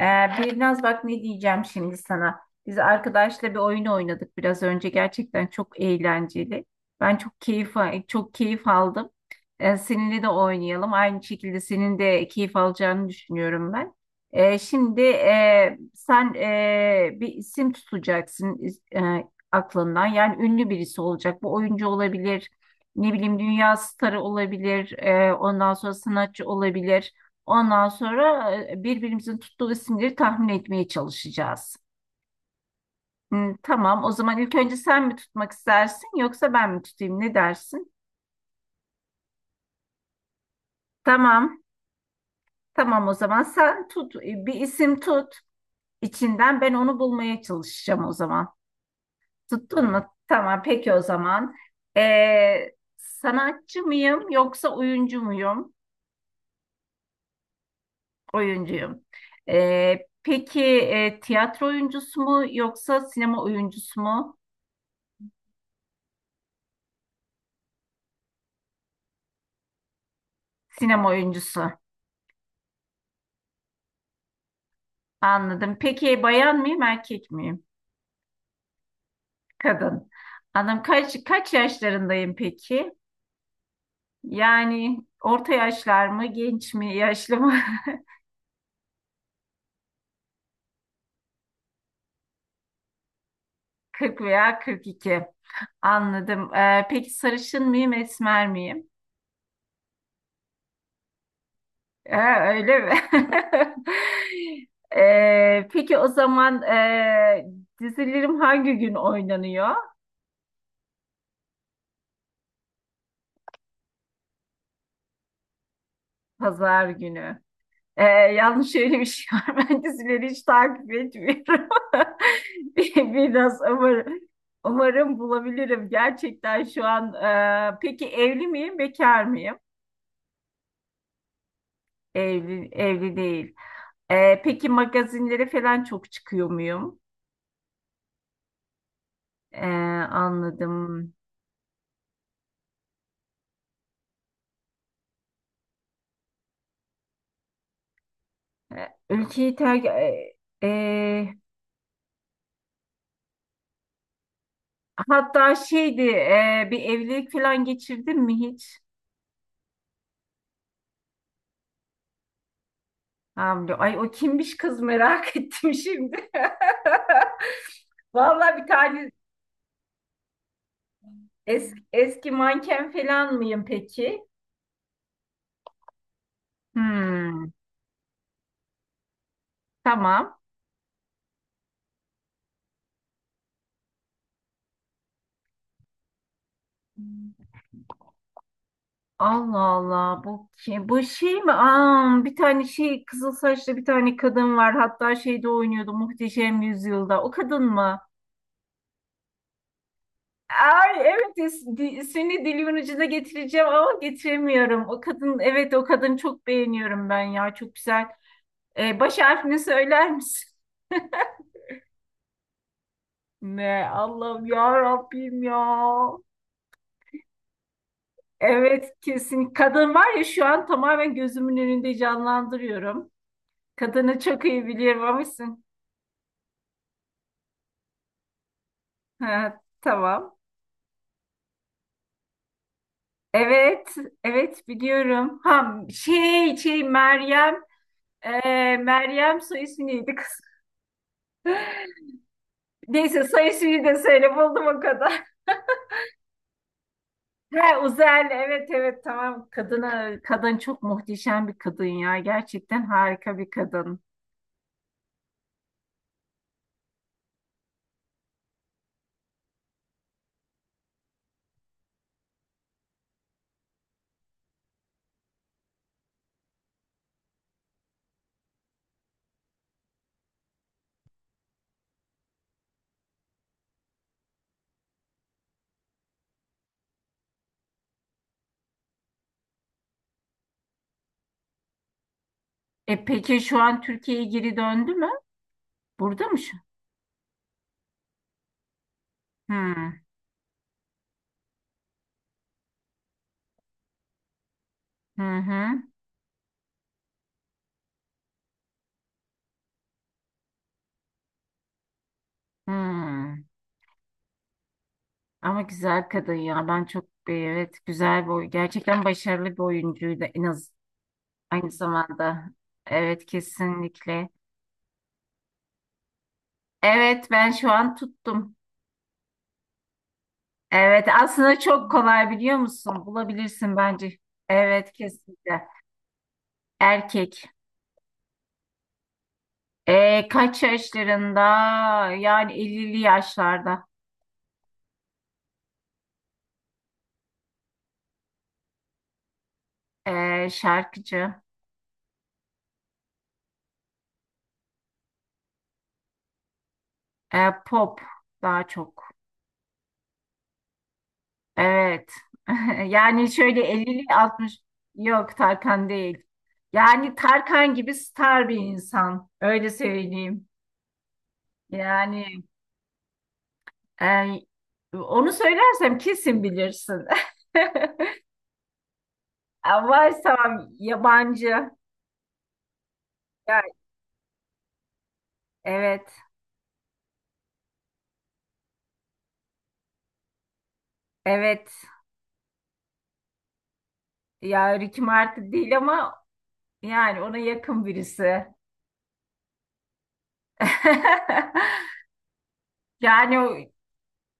Ee, biraz bak, ne diyeceğim şimdi sana. Biz arkadaşla bir oyun oynadık biraz önce. Gerçekten çok eğlenceli. Ben çok keyif aldım. Seninle de oynayalım. Aynı şekilde senin de keyif alacağını düşünüyorum ben. Şimdi sen bir isim tutacaksın e, aklından. Yani ünlü birisi olacak. Bu oyuncu olabilir. Ne bileyim, dünya starı olabilir. Ondan sonra sanatçı olabilir. Ondan sonra birbirimizin tuttuğu isimleri tahmin etmeye çalışacağız. Tamam. O zaman ilk önce sen mi tutmak istersin yoksa ben mi tutayım? Ne dersin? Tamam. Tamam, o zaman sen tut. Bir isim tut. İçinden ben onu bulmaya çalışacağım o zaman. Tuttun mu? Tamam. Peki o zaman. Sanatçı mıyım yoksa oyuncu muyum? Oyuncuyum. Peki, tiyatro oyuncusu mu yoksa sinema oyuncusu mu? Sinema oyuncusu. Anladım. Peki, bayan mıyım, erkek miyim? Kadın. Anladım. Kaç yaşlarındayım peki? Yani orta yaşlar mı, genç mi, yaşlı mı? 40 veya 42. Anladım. Peki sarışın mıyım, esmer miyim? Öyle mi? Peki o zaman, dizilerim hangi gün oynanıyor? Pazar günü. Yalnız şöyle bir şey var. Ben dizileri hiç takip etmiyorum. Biraz umarım, umarım bulabilirim. Gerçekten şu an. Peki evli miyim, bekar mıyım? Evli, evli değil. Peki magazinlere falan çok çıkıyor muyum? Ee, anladım. Ülkeyi terk... e, hatta şeydi, bir evlilik falan geçirdin mi hiç? Hamdi. Ay, o kimmiş kız, merak ettim şimdi. Vallahi bir tane eski manken falan mıyım peki? Hmm, tamam. Allah Allah, bu ki bu şey mi? Aa, bir tane şey, kızıl saçlı bir tane kadın var. Hatta şeyde oynuyordu, Muhteşem Yüzyılda. O kadın mı? Ay evet, ismini dilimin ucuna getireceğim ama getiremiyorum. O kadın, evet o kadın, çok beğeniyorum ben ya, çok güzel. Baş harfini söyler misin? Ne Allah'ım, ya Rabbim ya. Evet kesin. Kadın var ya, şu an tamamen gözümün önünde canlandırıyorum. Kadını çok iyi biliyorum ama sen- Ha, tamam. Evet, evet biliyorum. Ha, şey, e, Meryem soy ismi neydi kız? Neyse, soy ismini de söyle, buldum o kadar. Ha, Uzel, evet, evet, tamam. Kadın çok muhteşem bir kadın ya. Gerçekten harika bir kadın. E, peki şu an Türkiye'ye geri döndü mü? Burada mı şu? Hmm. Hı hı. Hmm. Ama güzel kadın ya. Ben çok evet, güzel bir gerçekten başarılı bir oyuncuydu, en az aynı zamanda. Evet kesinlikle. Evet, ben şu an tuttum. Evet, aslında çok kolay biliyor musun? Bulabilirsin bence. Evet kesinlikle. Erkek. Kaç yaşlarında? Yani 50'li yaşlarda. Şarkıcı. Pop daha çok. Evet. Yani şöyle 50'li, altmış... Yok, Tarkan değil. Yani Tarkan gibi star bir insan. Öyle söyleyeyim. Yani e, onu söylersem kesin bilirsin. Varsa yabancı. Ya, evet. Evet. Ya Ricky Martin değil ama yani ona yakın birisi. Yani o...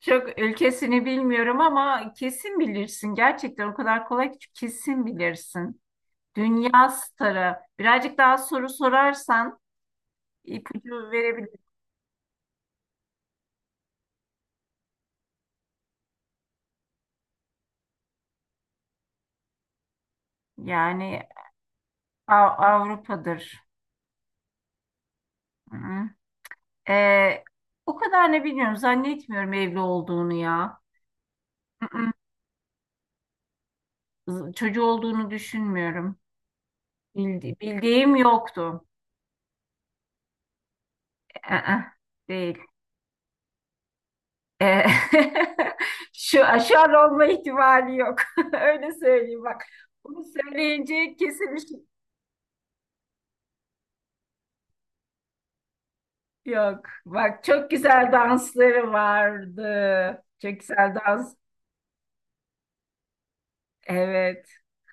Çok ülkesini bilmiyorum ama kesin bilirsin. Gerçekten o kadar kolay ki kesin bilirsin. Dünya starı. Birazcık daha soru sorarsan ipucu verebilirim. Yani Avrupa'dır. Hı-hı. Ee, o kadar ne bilmiyorum. Zannetmiyorum evli olduğunu ya. Hı-hı. Çocuğu olduğunu düşünmüyorum. Bildiğim yoktu. Ee, değil. Ee, Şu aşar olma ihtimali yok. Öyle söyleyeyim bak. Bunu söyleyince kesin bir şey yok. Bak, çok güzel dansları vardı. Çok güzel dans. Evet.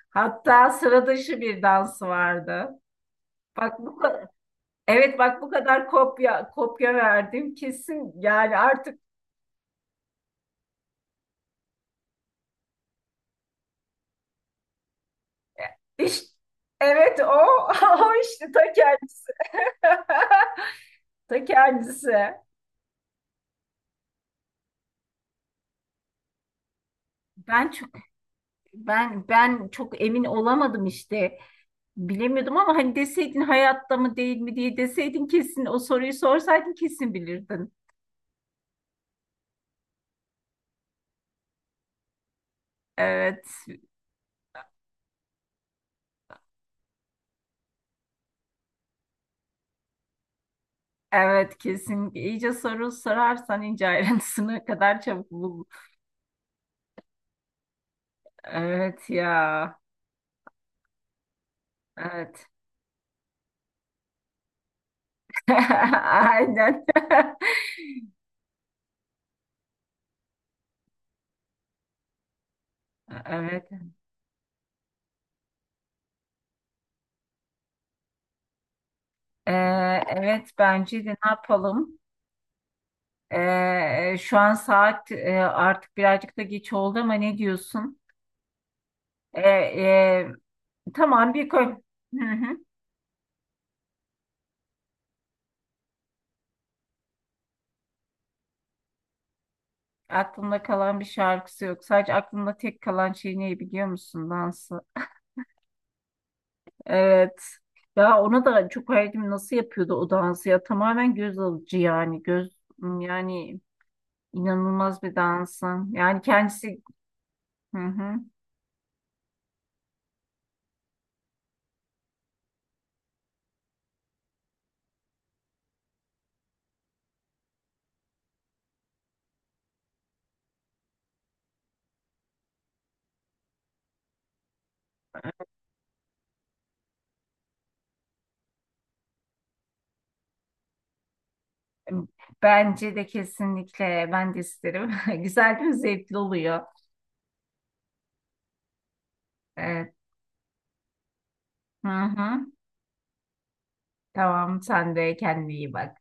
Hatta sıra dışı bir dansı vardı. Bak bu kadar, evet bak bu kadar kopya kopya verdim kesin, yani artık iş evet, o o işte ta kendisi, ta kendisi. Ben çok ben çok emin olamadım işte. Bilemiyordum ama hani deseydin hayatta mı değil mi diye, deseydin, kesin o soruyu sorsaydın kesin bilirdin. Evet, evet kesin. İyice soru sorarsan ince ayrıntısına kadar çabuk bul. Evet ya. Evet. Aynen. Evet. Ee, evet, bence de ne yapalım? Şu an saat artık birazcık da geç oldu ama ne diyorsun? Ee, e, Tamam, bir koy. Hı hı. Aklımda kalan bir şarkısı yok. Sadece aklımda tek kalan şey ne biliyor musun? Dansı. Evet. Ya ona da çok hayretim, nasıl yapıyordu o dansı ya. Tamamen göz alıcı yani. Göz, yani inanılmaz bir dansın. Yani kendisi. Hı hı. Bence de kesinlikle, ben de isterim. Güzel değil mi? Zevkli oluyor. Evet. Hı hı. Tamam, sen de kendine iyi bak.